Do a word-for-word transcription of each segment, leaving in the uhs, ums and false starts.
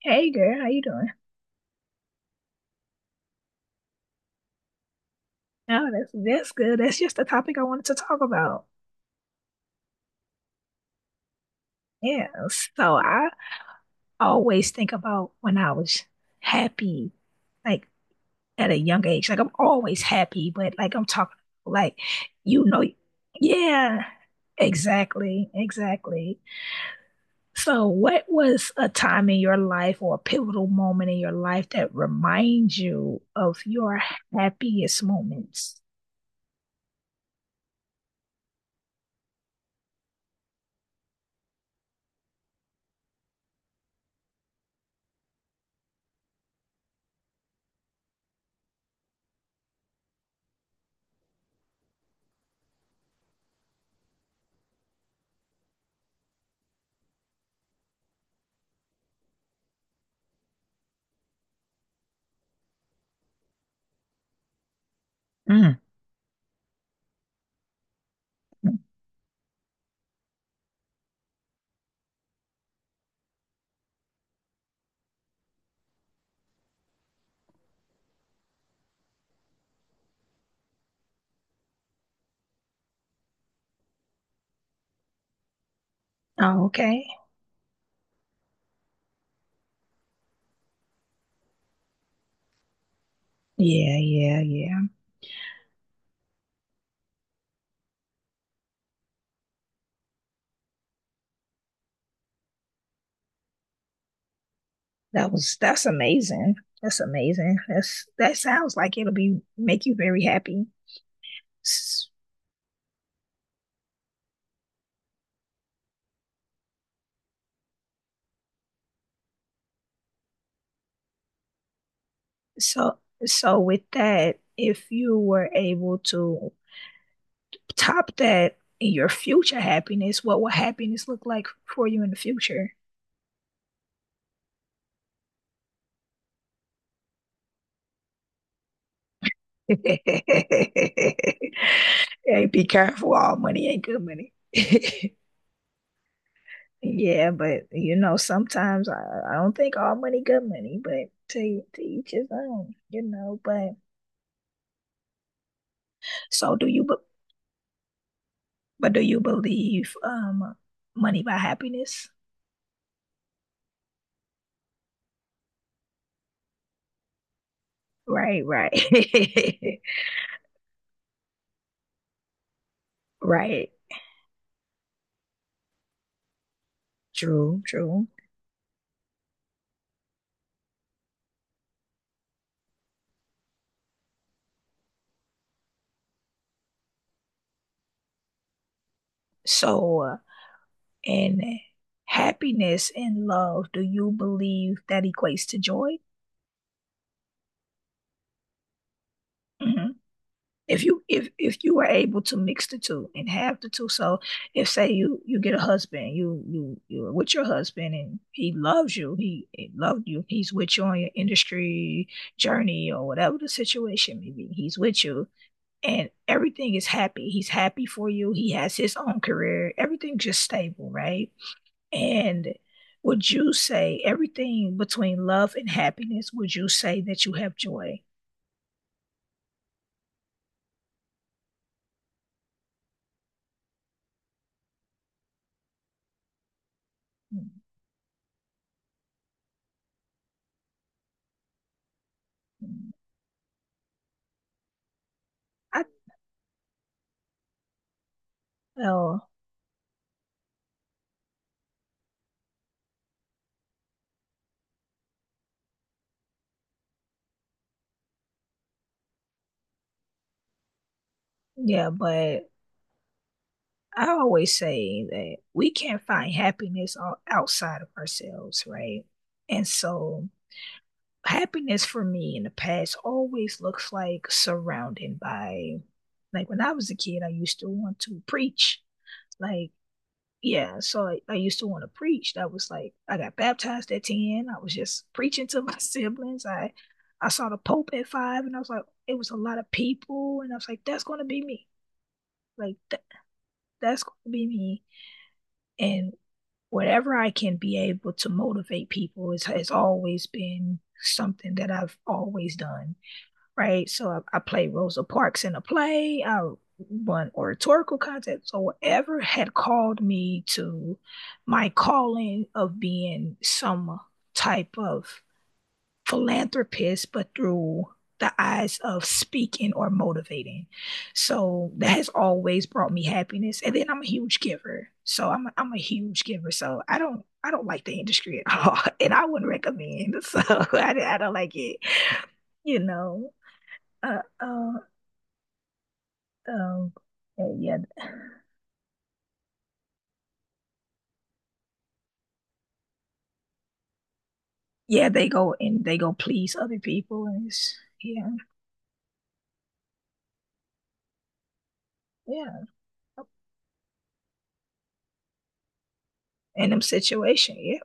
Hey girl, how you doing? Oh, that's that's good. That's just the topic I wanted to talk about. Yeah. So I always think about when I was happy, like at a young age. Like I'm always happy, but like I'm talking like you know, yeah, exactly, exactly. So what was a time in your life or a pivotal moment in your life that reminds you of your happiest moments? Mm. Oh, okay. Yeah, yeah, yeah. That was that's amazing. That's amazing. That's that sounds like it'll be make you very happy. S- So so with that, if you were able to top that in your future happiness, what will happiness look like for you in the future? Hey, be careful. All money ain't good money. Yeah, but you know, sometimes I, I don't think all money good money, but to, to each his own, you know. But so do you, but do you believe um money buy happiness? Right, right. Right. True, true. So, uh, and happiness and love, do you believe that equates to joy? Hmm. If you if if you are able to mix the two and have the two, so if say you you get a husband, you you you're with your husband and he loves you, he, he loved you, he's with you on your industry journey or whatever the situation may be, he's with you and everything is happy. He's happy for you. He has his own career. Everything's just stable, right? And would you say everything between love and happiness? Would you say that you have joy? Mm-hmm. I well, yeah, but I always say that we can't find happiness o- outside of ourselves, right? And so happiness for me in the past always looks like surrounded by like when I was a kid, I used to want to preach. Like, yeah, so I, I used to want to preach. That was like I got baptized at ten. I was just preaching to my siblings. I I saw the Pope at five and I was like, it was a lot of people. And I was like, that's gonna be me. Like th- that's gonna be me. And whatever I can be able to motivate people is has always been something that I've always done, right? So I, I played Rosa Parks in a play. I won oratorical contests. So whatever had called me to my calling of being some type of philanthropist, but through the eyes of speaking or motivating. So that has always brought me happiness. And then I'm a huge giver. So I'm a, I'm a huge giver. So I don't I don't like the industry at all, and I wouldn't recommend. So I, I don't like it. You know, uh, uh, Um, and yeah, yeah, they go and they go please other people, and it's yeah, yeah, in them situation, yeah,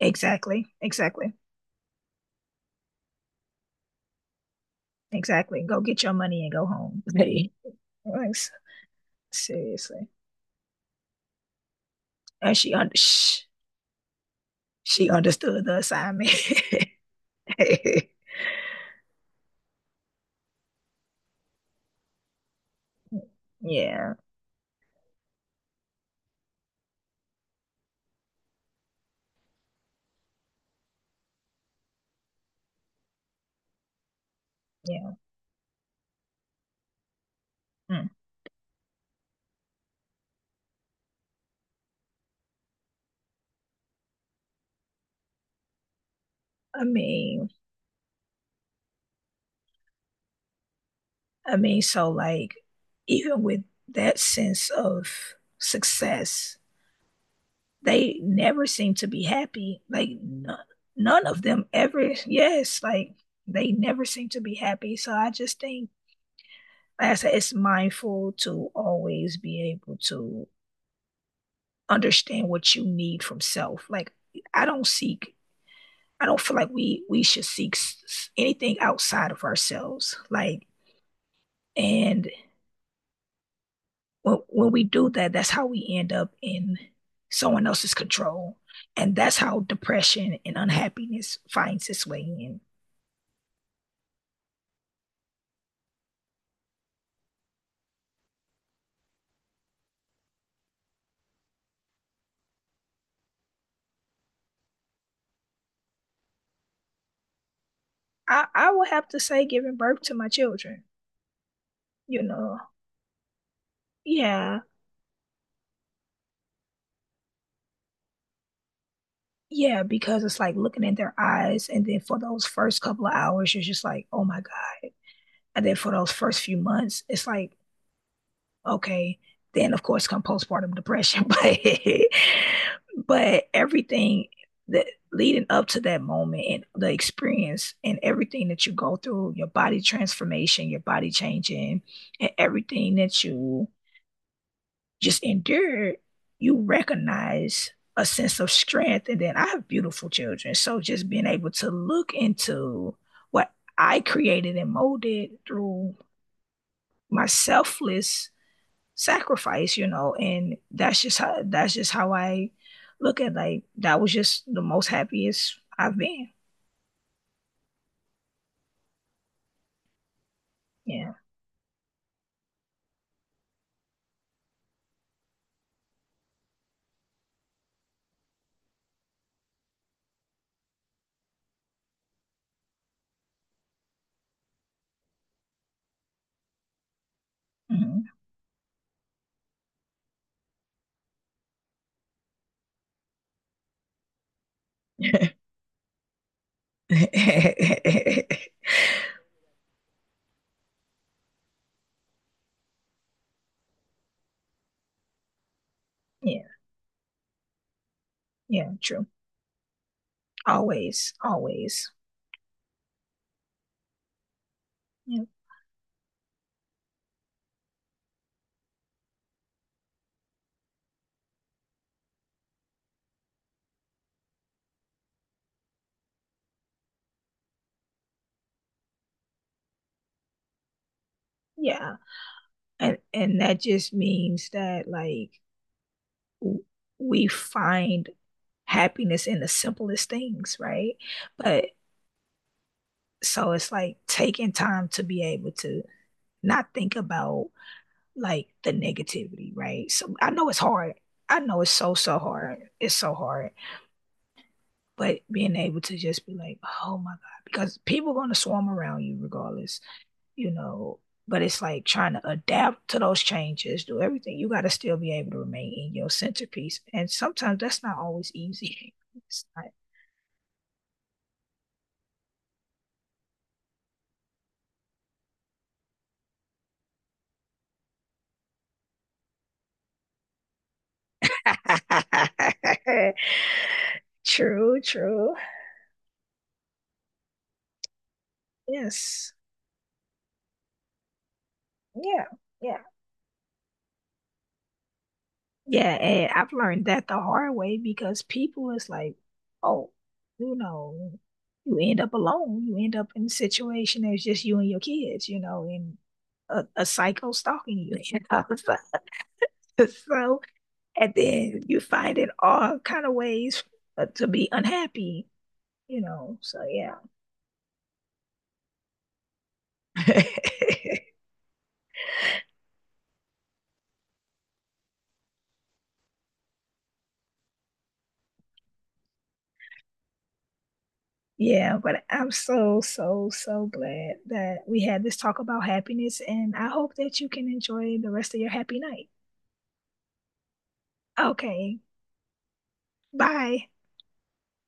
exactly, exactly, exactly. Go get your money and go home. Hey, like, s- seriously, and she under shh, she understood the assignment. Yeah, yeah. Mm. I mean, I mean, so like, even with that sense of success they never seem to be happy. Like none, none of them ever. Yes, like they never seem to be happy. So I just think, like I said, it's mindful to always be able to understand what you need from self. Like I don't seek. I don't feel like we we should seek anything outside of ourselves. Like and when, when we do that, that's how we end up in someone else's control. And that's how depression and unhappiness finds its way in. I I would have to say giving birth to my children, you know. Yeah. Yeah, because it's like looking in their eyes and then for those first couple of hours you're just like, "Oh my God." And then for those first few months, it's like, okay, then of course come postpartum depression, but but everything that leading up to that moment and the experience and everything that you go through, your body transformation, your body changing, and everything that you just endure, you recognize a sense of strength. And then I have beautiful children. So just being able to look into what I created and molded through my selfless sacrifice, you know, and that's just how that's just how I look at like that was just the most happiest I've been. Yeah. Mhm. Yeah. Yeah. True. Always. Always. Yeah. Yeah. and and that just means that like w- we find happiness in the simplest things, right? But so it's like taking time to be able to not think about like the negativity, right? So I know it's hard, I know it's so so hard, it's so hard, but being able to just be like, oh my God, because people are going to swarm around you regardless, you know, but it's like trying to adapt to those changes, do everything. You got to still be able to remain in your centerpiece. And sometimes that's not always easy. It's not. True, true. Yes. Yeah. Yeah. Yeah, and I've learned that the hard way because people is like, oh, you know, you end up alone. You end up in a situation that's just you and your kids, you know, and a, a psycho stalking you. You know? So, so, and then you find it all kind of ways uh, to be unhappy, you know. So yeah. Yeah, but I'm so, so, so glad that we had this talk about happiness, and I hope that you can enjoy the rest of your happy night. Okay. Bye.